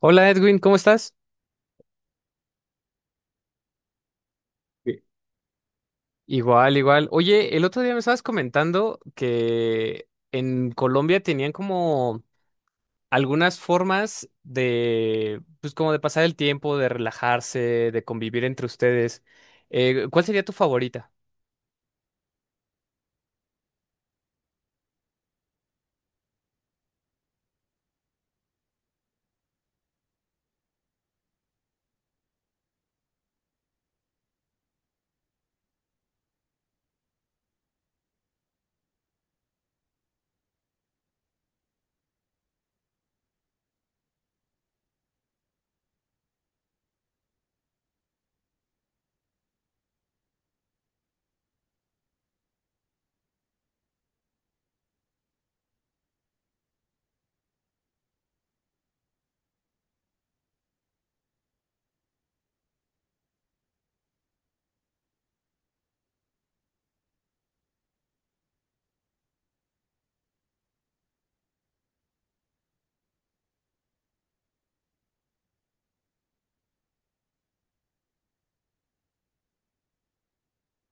Hola Edwin, ¿cómo estás? Sí. Igual, igual. Oye, el otro día me estabas comentando que en Colombia tenían como algunas formas de, pues como de pasar el tiempo, de relajarse, de convivir entre ustedes. ¿Cuál sería tu favorita?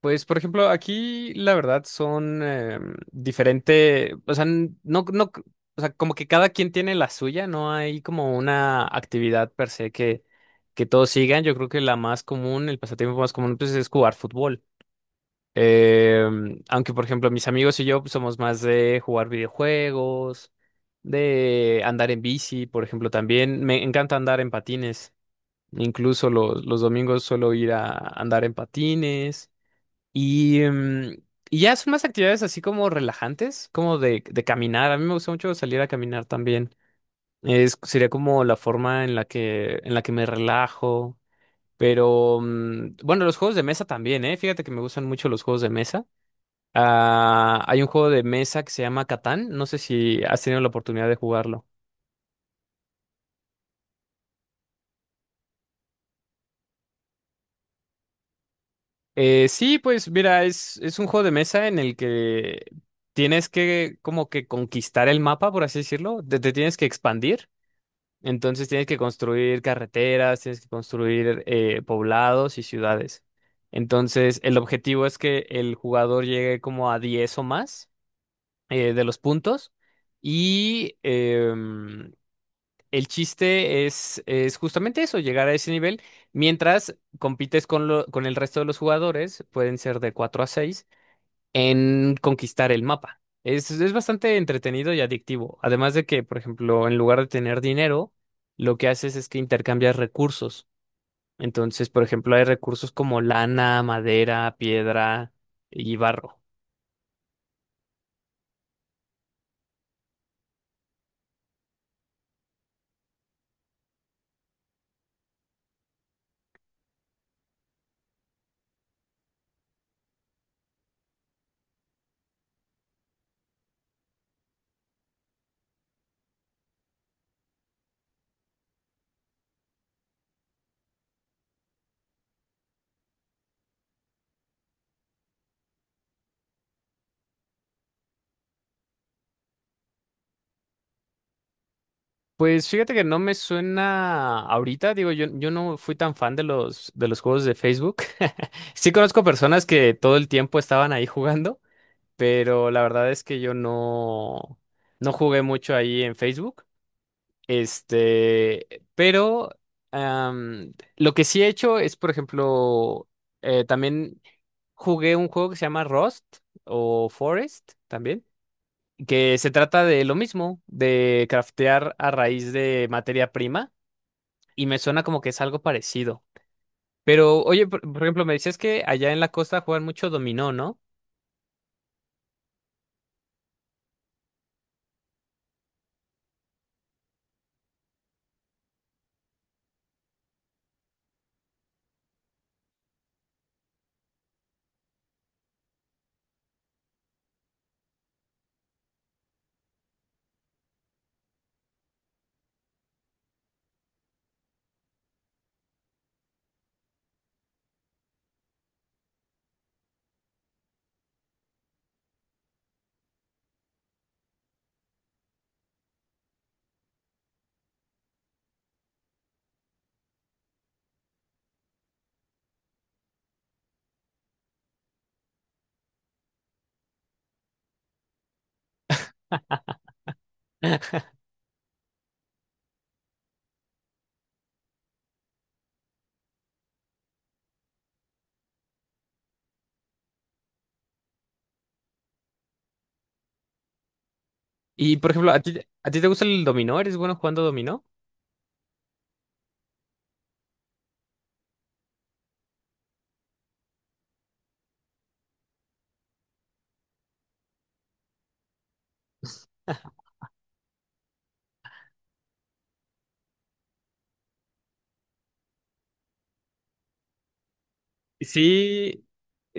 Pues, por ejemplo, aquí la verdad son diferente, o sea, no, no, o sea, como que cada quien tiene la suya, no hay como una actividad per se que todos sigan. Yo creo que la más común, el pasatiempo más común, pues es jugar fútbol. Aunque, por ejemplo, mis amigos y yo pues, somos más de jugar videojuegos, de andar en bici, por ejemplo, también. Me encanta andar en patines. Incluso los domingos suelo ir a andar en patines. Y, em, y ya son más actividades así como relajantes, como de caminar. A mí me gusta mucho salir a caminar también. Sería como la forma en la en la que me relajo. Pero bueno, los juegos de mesa también, ¿eh? Fíjate que me gustan mucho los juegos de mesa. Ah, hay un juego de mesa que se llama Catán. No sé si has tenido la oportunidad de jugarlo. Sí, pues mira, es un juego de mesa en el que tienes que como que conquistar el mapa, por así decirlo. Te tienes que expandir. Entonces tienes que construir carreteras, tienes que construir poblados y ciudades. Entonces el objetivo es que el jugador llegue como a 10 o más de los puntos y el chiste es justamente eso, llegar a ese nivel mientras compites con, con el resto de los jugadores, pueden ser de 4 a 6 en conquistar el mapa. Es bastante entretenido y adictivo. Además de que, por ejemplo, en lugar de tener dinero, lo que haces es que intercambias recursos. Entonces, por ejemplo, hay recursos como lana, madera, piedra y barro. Pues fíjate que no me suena ahorita, digo, yo no fui tan fan de de los juegos de Facebook. Sí conozco personas que todo el tiempo estaban ahí jugando, pero la verdad es que yo no, no jugué mucho ahí en Facebook. Este, pero lo que sí he hecho es, por ejemplo, también jugué un juego que se llama Rust o Forest también, que se trata de lo mismo, de craftear a raíz de materia prima, y me suena como que es algo parecido. Pero, oye, por ejemplo, me decías que allá en la costa juegan mucho dominó, ¿no? Y, por ejemplo, a ti te gusta el dominó? ¿Eres bueno jugando dominó? Sí,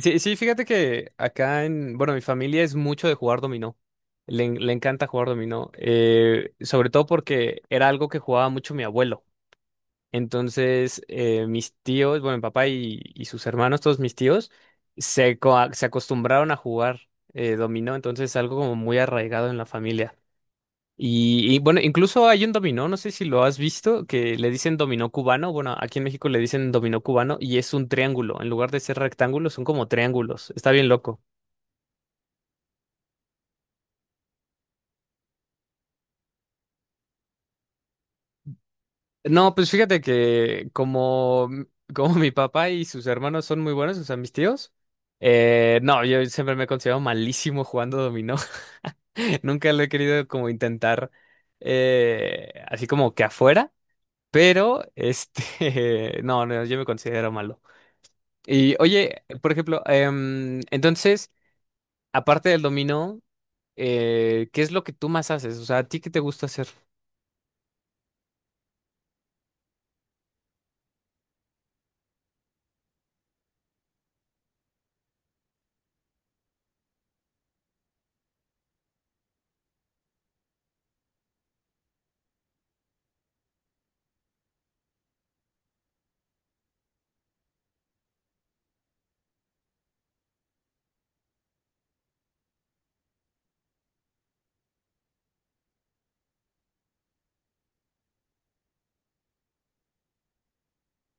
sí, sí, fíjate que acá en, bueno, mi familia es mucho de jugar dominó. Le encanta jugar dominó, sobre todo porque era algo que jugaba mucho mi abuelo. Entonces, mis tíos, bueno, mi papá y sus hermanos, todos mis tíos, se acostumbraron a jugar dominó, entonces es algo como muy arraigado en la familia. Bueno, incluso hay un dominó, no sé si lo has visto, que le dicen dominó cubano. Bueno, aquí en México le dicen dominó cubano y es un triángulo. En lugar de ser rectángulos, son como triángulos. Está bien loco. No, pues fíjate que como, como mi papá y sus hermanos son muy buenos, o sea, mis tíos, no, yo siempre me he considerado malísimo jugando dominó. Nunca lo he querido como intentar así como que afuera, pero este, no, no, yo me considero malo. Y oye, por ejemplo, entonces, aparte del dominó, ¿qué es lo que tú más haces? O sea, ¿a ti qué te gusta hacer?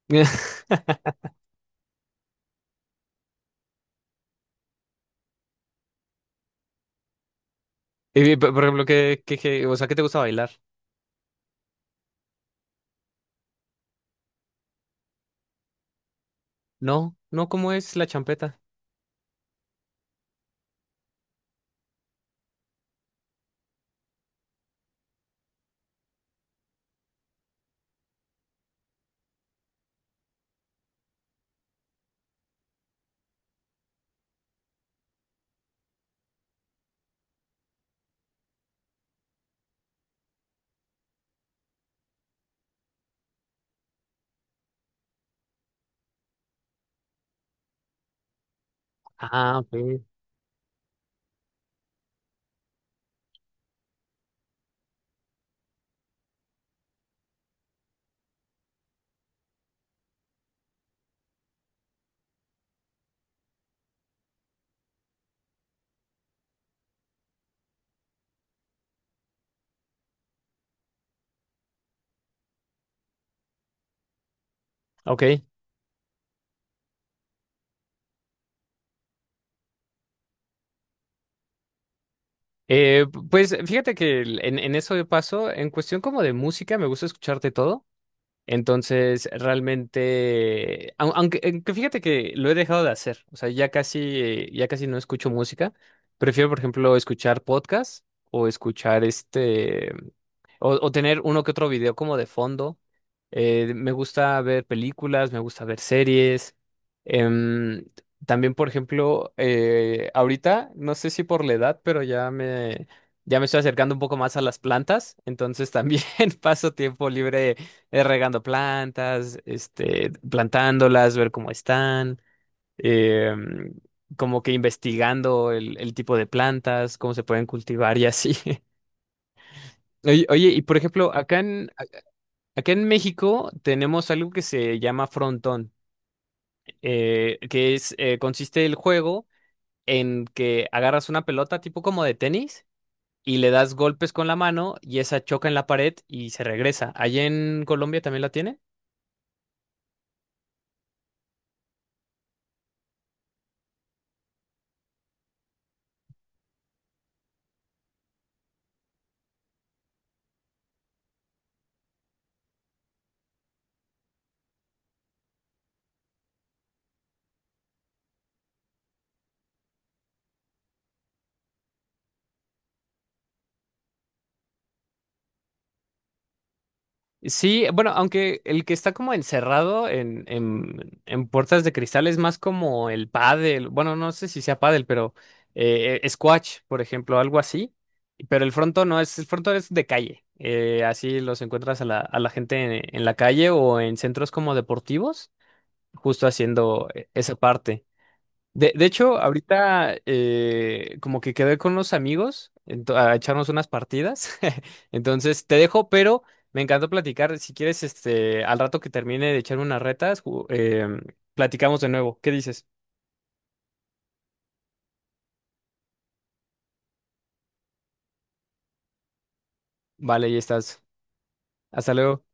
Y, por ejemplo, ¿qué- o sea, ¿qué te gusta bailar? No, no, ¿cómo es la champeta? Ah, ok. Ok. Eh, pues fíjate que en eso de paso, en cuestión como de música, me gusta escucharte todo. Entonces, realmente, aunque fíjate que lo he dejado de hacer, o sea, ya casi no escucho música. Prefiero, por ejemplo, escuchar podcasts o escuchar este. O tener uno que otro video como de fondo. Me gusta ver películas, me gusta ver series. Em, también, por ejemplo, ahorita, no sé si por la edad, pero ya me estoy acercando un poco más a las plantas. Entonces también paso tiempo libre regando plantas, este, plantándolas, ver cómo están. em, como que investigando el tipo de plantas, cómo se pueden cultivar y así. Y por ejemplo, acá en México tenemos algo que se llama frontón, que es consiste el juego en que agarras una pelota tipo como de tenis y le das golpes con la mano y esa choca en la pared y se regresa. ¿Allá en Colombia también la tiene? Sí, bueno, aunque el que está como encerrado en puertas de cristal es más como el pádel, bueno, no sé si sea pádel, pero squash, por ejemplo, algo así, pero el fronto no es, el fronto es de calle, así los encuentras a a la gente en la calle o en centros como deportivos, justo haciendo esa parte. De hecho, ahorita como que quedé con unos amigos a echarnos unas partidas. Entonces te dejo, pero me encantó platicar. Si quieres, este, al rato que termine de echarme unas retas, platicamos de nuevo. ¿Qué dices? Vale, ya estás. Hasta luego.